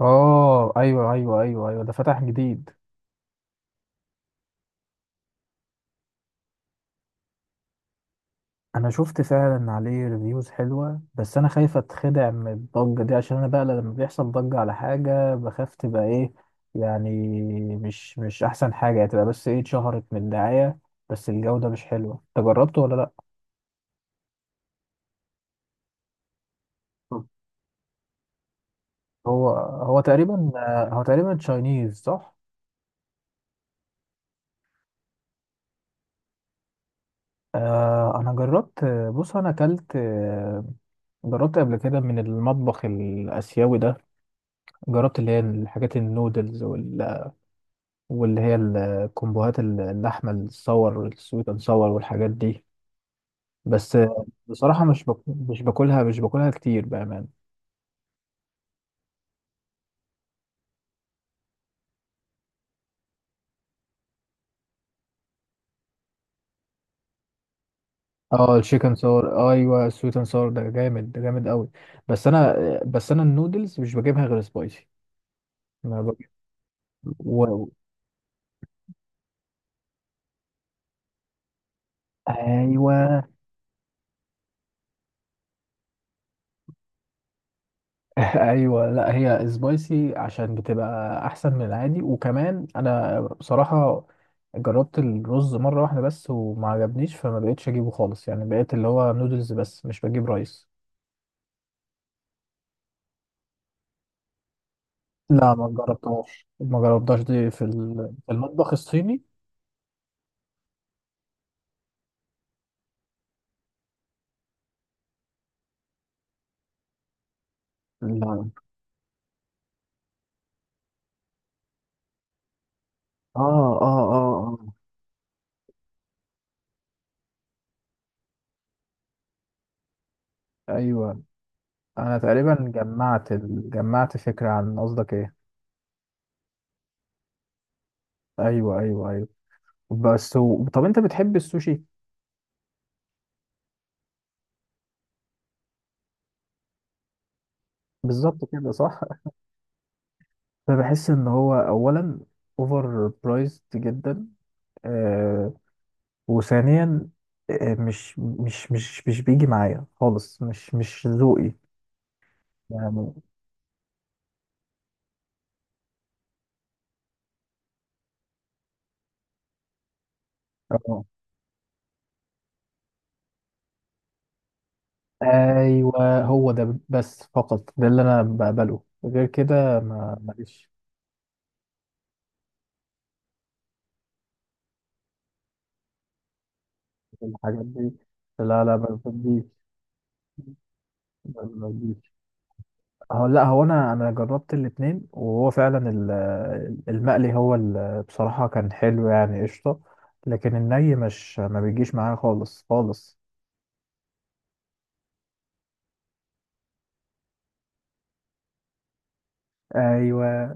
اه، ايوه، ايوه، ايوه، ايوه، ده فتح جديد. انا شفت فعلا عليه ريفيوز حلوه، بس انا خايف اتخدع من الضجه دي، عشان انا بقى لما بيحصل ضجه على حاجه بخاف تبقى ايه يعني مش احسن حاجه يعني، تبقى بس ايه اتشهرت من الدعايه، بس الجوده مش حلوه. انت جربته ولا لا؟ طب هو تقريبا تشاينيز صح؟ آه، انا جربت. بص، انا اكلت، جربت قبل كده من المطبخ الاسيوي ده. جربت اللي هي الحاجات النودلز واللي هي الكومبوهات، اللحمة الصور، السويت اند صور، والحاجات دي. بس بصراحة مش باكلها كتير بأمان. اه، الشيكن صور، ايوه، السويت اند صور ده جامد، ده جامد قوي. بس انا بس انا النودلز مش بجيبها غير سبايسي. ما بجيب و... ايوه ايوه، لا هي سبايسي عشان بتبقى احسن من العادي، وكمان انا بصراحه جربت الرز مره واحده بس وما عجبنيش، فما بقتش اجيبه خالص يعني، بقيت اللي هو نودلز بس مش بجيب رايس. لا، ما جربتهاش دي في المطبخ الصيني. لا، اه، اه، اه، اه، ايوه، انا تقريبا جمعت فكره عن قصدك ايه. ايوه، ايوه، ايوه، بس طب انت بتحب السوشي؟ بالظبط كده صح. فبحس ان هو اولا اوفر برايزد جدا، آه وثانيا مش بيجي معايا خالص، مش ذوقي يعني آه. ايوه، هو ده بس، فقط ده اللي انا بقبله، غير كده ما ماليش في الحاجات دي. لا، لا، ما بديش، ما بديش. هو لا، هو انا جربت الاتنين، وهو فعلا المقلي، هو بصراحة كان حلو يعني قشطة. لكن الني مش ما بيجيش معايا خالص خالص. ايوه،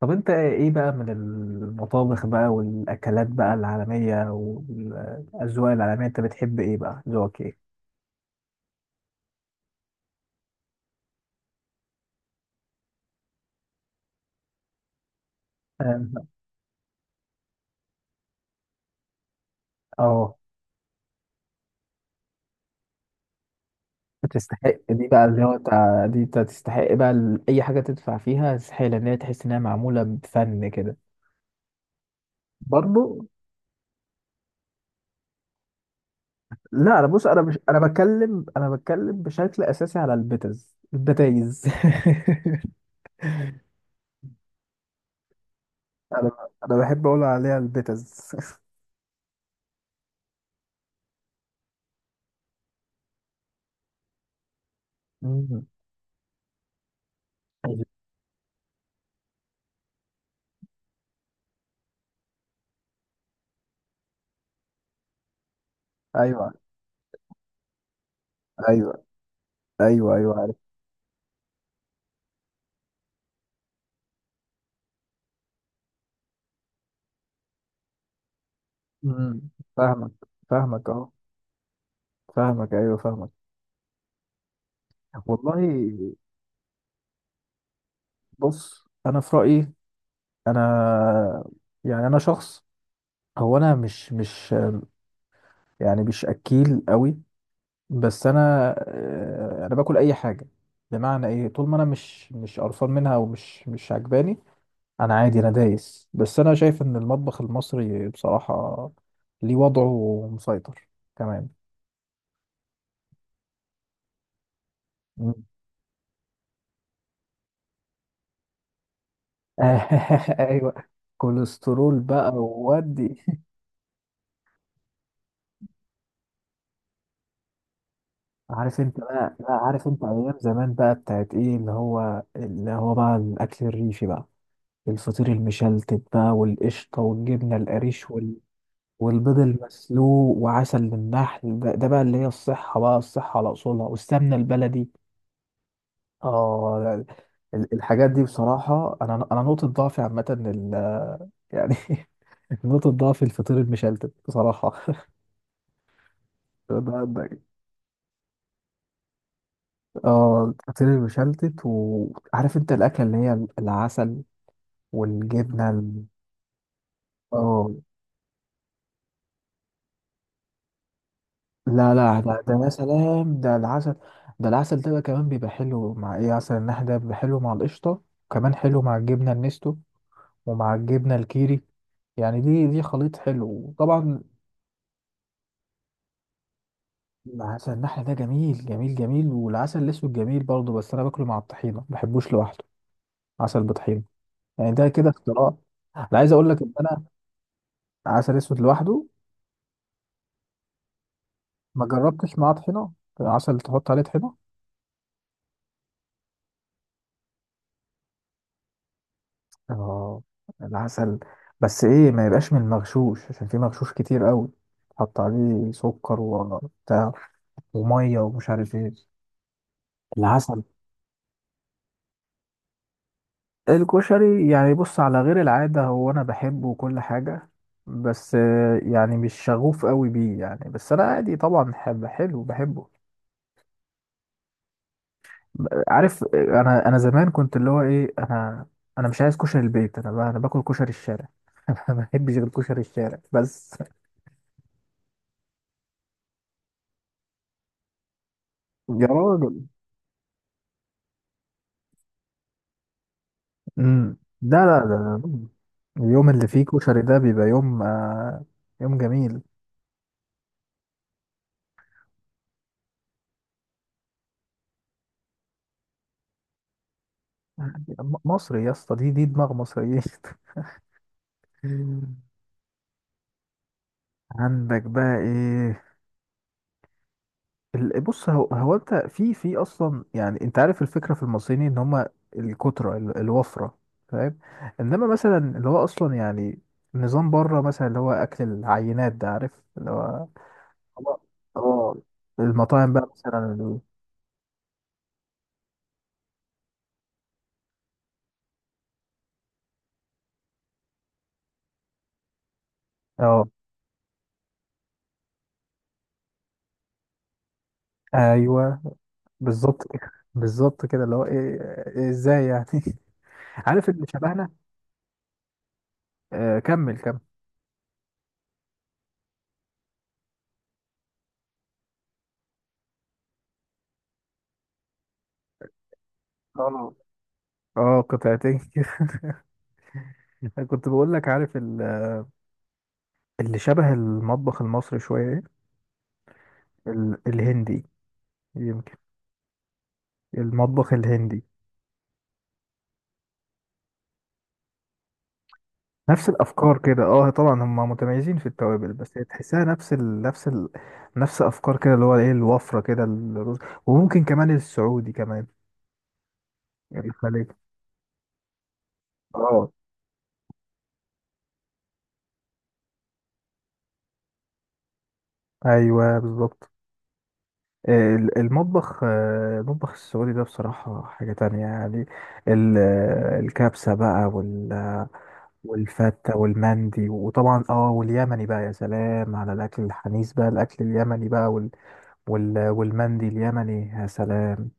طب انت ايه بقى من المطابخ بقى والاكلات بقى العالمية والاذواق العالمية؟ انت بتحب ايه بقى؟ ذوقك ايه؟ اه، آه، بتستحق دي بقى، اللي هو دي انت تستحق بقى، اي حاجة تدفع فيها تستحق، لان هي تحس انها معمولة بفن كده. برضه لا، انا بص، انا مش، انا بتكلم، انا بتكلم بشكل اساسي على البتز، البتايز انا انا بحب اقول عليها البتز. مم. ايوه، ايوه، ايوه، ايوه، عارف. مم. فاهمك، فاهمك اهو، فاهمك، ايوه، فاهمك. والله، بص انا في رايي، انا يعني، انا شخص، هو انا مش، مش يعني، مش اكيل قوي. بس انا باكل اي حاجه، بمعنى ايه طول ما انا مش قرفان منها ومش مش عجباني، انا عادي، انا دايس. بس انا شايف ان المطبخ المصري بصراحه ليه وضعه ومسيطر كمان. مم. ايوه، كوليسترول بقى وودي. عارف انت بقى، لا، عارف انت ايام زمان بقى بتاعت ايه، اللي هو بقى الاكل الريفي بقى، الفطير المشلتت بقى والقشطه والجبنه القريش، والبيض المسلوق وعسل النحل ده, ده بقى اللي هي الصحة بقى، الصحة على أصولها والسمنة البلدي. اه، لا، الحاجات دي بصراحة أنا نقطة ضعفي عامة، يعني نقطة ضعفي الفطير المشلتت بصراحة. ده- ده- اه، الفطير المشلتت، وعارف أنت الأكلة اللي هي العسل والجبنة اه، لا، لا، ده يا سلام، ده العسل، ده العسل ده بقى كمان بيبقى حلو مع ايه، عسل النحل ده بيبقى حلو مع القشطة وكمان حلو مع الجبنة النستو، ومع الجبنة الكيري، يعني دي خليط حلو. وطبعا عسل النحل ده جميل، جميل، جميل، والعسل الاسود جميل برضه، بس انا باكله مع الطحينة، ما بحبوش لوحده. عسل بطحينة، يعني ده كده اختراع. انا عايز اقول لك ان انا عسل اسود لوحده. ما جربتش معاه طحينة، عسل تحط عليه طحينة. اه، العسل، بس ايه، ما يبقاش من المغشوش، عشان في مغشوش كتير قوي، حط عليه سكر وبتاع، وميه ومش عارف ايه، العسل. الكشري، يعني بص على غير العاده، هو انا بحبه وكل حاجه، بس يعني مش شغوف قوي بيه يعني، بس انا عادي طبعا، حب حلو بحبه. عارف، انا زمان كنت اللي هو ايه، انا مش عايز كشري البيت، انا باكل كشري الشارع ما بحبش غير كشري الشارع بس. يا راجل، لا، لا، لا. لا. اليوم اللي فيه كشري ده بيبقى يوم جميل. مصري يا اسطى، دي دماغ مصريين عندك بقى ايه، بص، هو, هو انت في اصلا، يعني انت عارف الفكره في المصريين ان هم الكتره، الوفره، فاهم؟ انما مثلا اللي هو اصلا يعني نظام بره، مثلا اللي هو اكل العينات ده، عارف، اللي هو اه المطاعم بقى مثلا اه، ايوه، بالظبط كده، بالظبط كده اللي هو ايه، إيه ازاي يعني عارف اللي شبهنا، كمل كمل. اه، اه، قطعتين كده كنت بقول لك عارف اللي شبه المطبخ المصري شويه ايه، الهندي يمكن، المطبخ الهندي، نفس الافكار كده. اه طبعا هم متميزين في التوابل، بس هي تحسها نفس افكار كده، اللي هو ايه الوفره كده، الرز، وممكن كمان السعودي كمان، الخليج. اه، ايوه، بالظبط، المطبخ السعودي ده بصراحة حاجة تانية يعني، الكبسة بقى والفتة والمندي وطبعا واليمني بقى، يا سلام على الأكل الحنيس بقى، الأكل اليمني بقى، والمندي اليمني، يا سلام.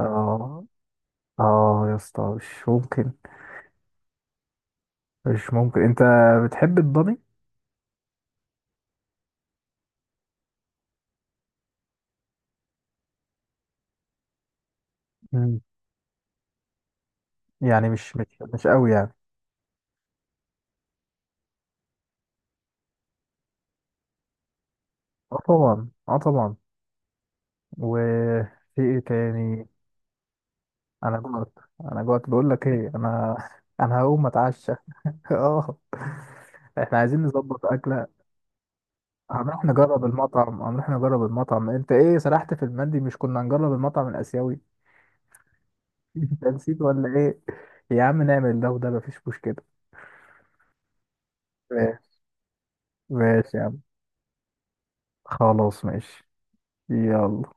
اه، اه، يا اسطى مش ممكن، مش ممكن. انت بتحب الضاني؟ مم. يعني مش قوي يعني. اه طبعا، اه طبعا. وفي ايه تاني؟ انا جوعت، انا جوعت، بقول لك ايه انا انا هقوم اتعشى اه، احنا عايزين نظبط اكله. هنروح نجرب المطعم، هنروح نجرب المطعم، انت ايه سرحت في المندي؟ مش كنا هنجرب المطعم الاسيوي؟ انت نسيت ولا ايه؟ يا عم نعمل ده وده مفيش مشكله. ماشي، ماشي يا عم. خلاص ماشي، يلا.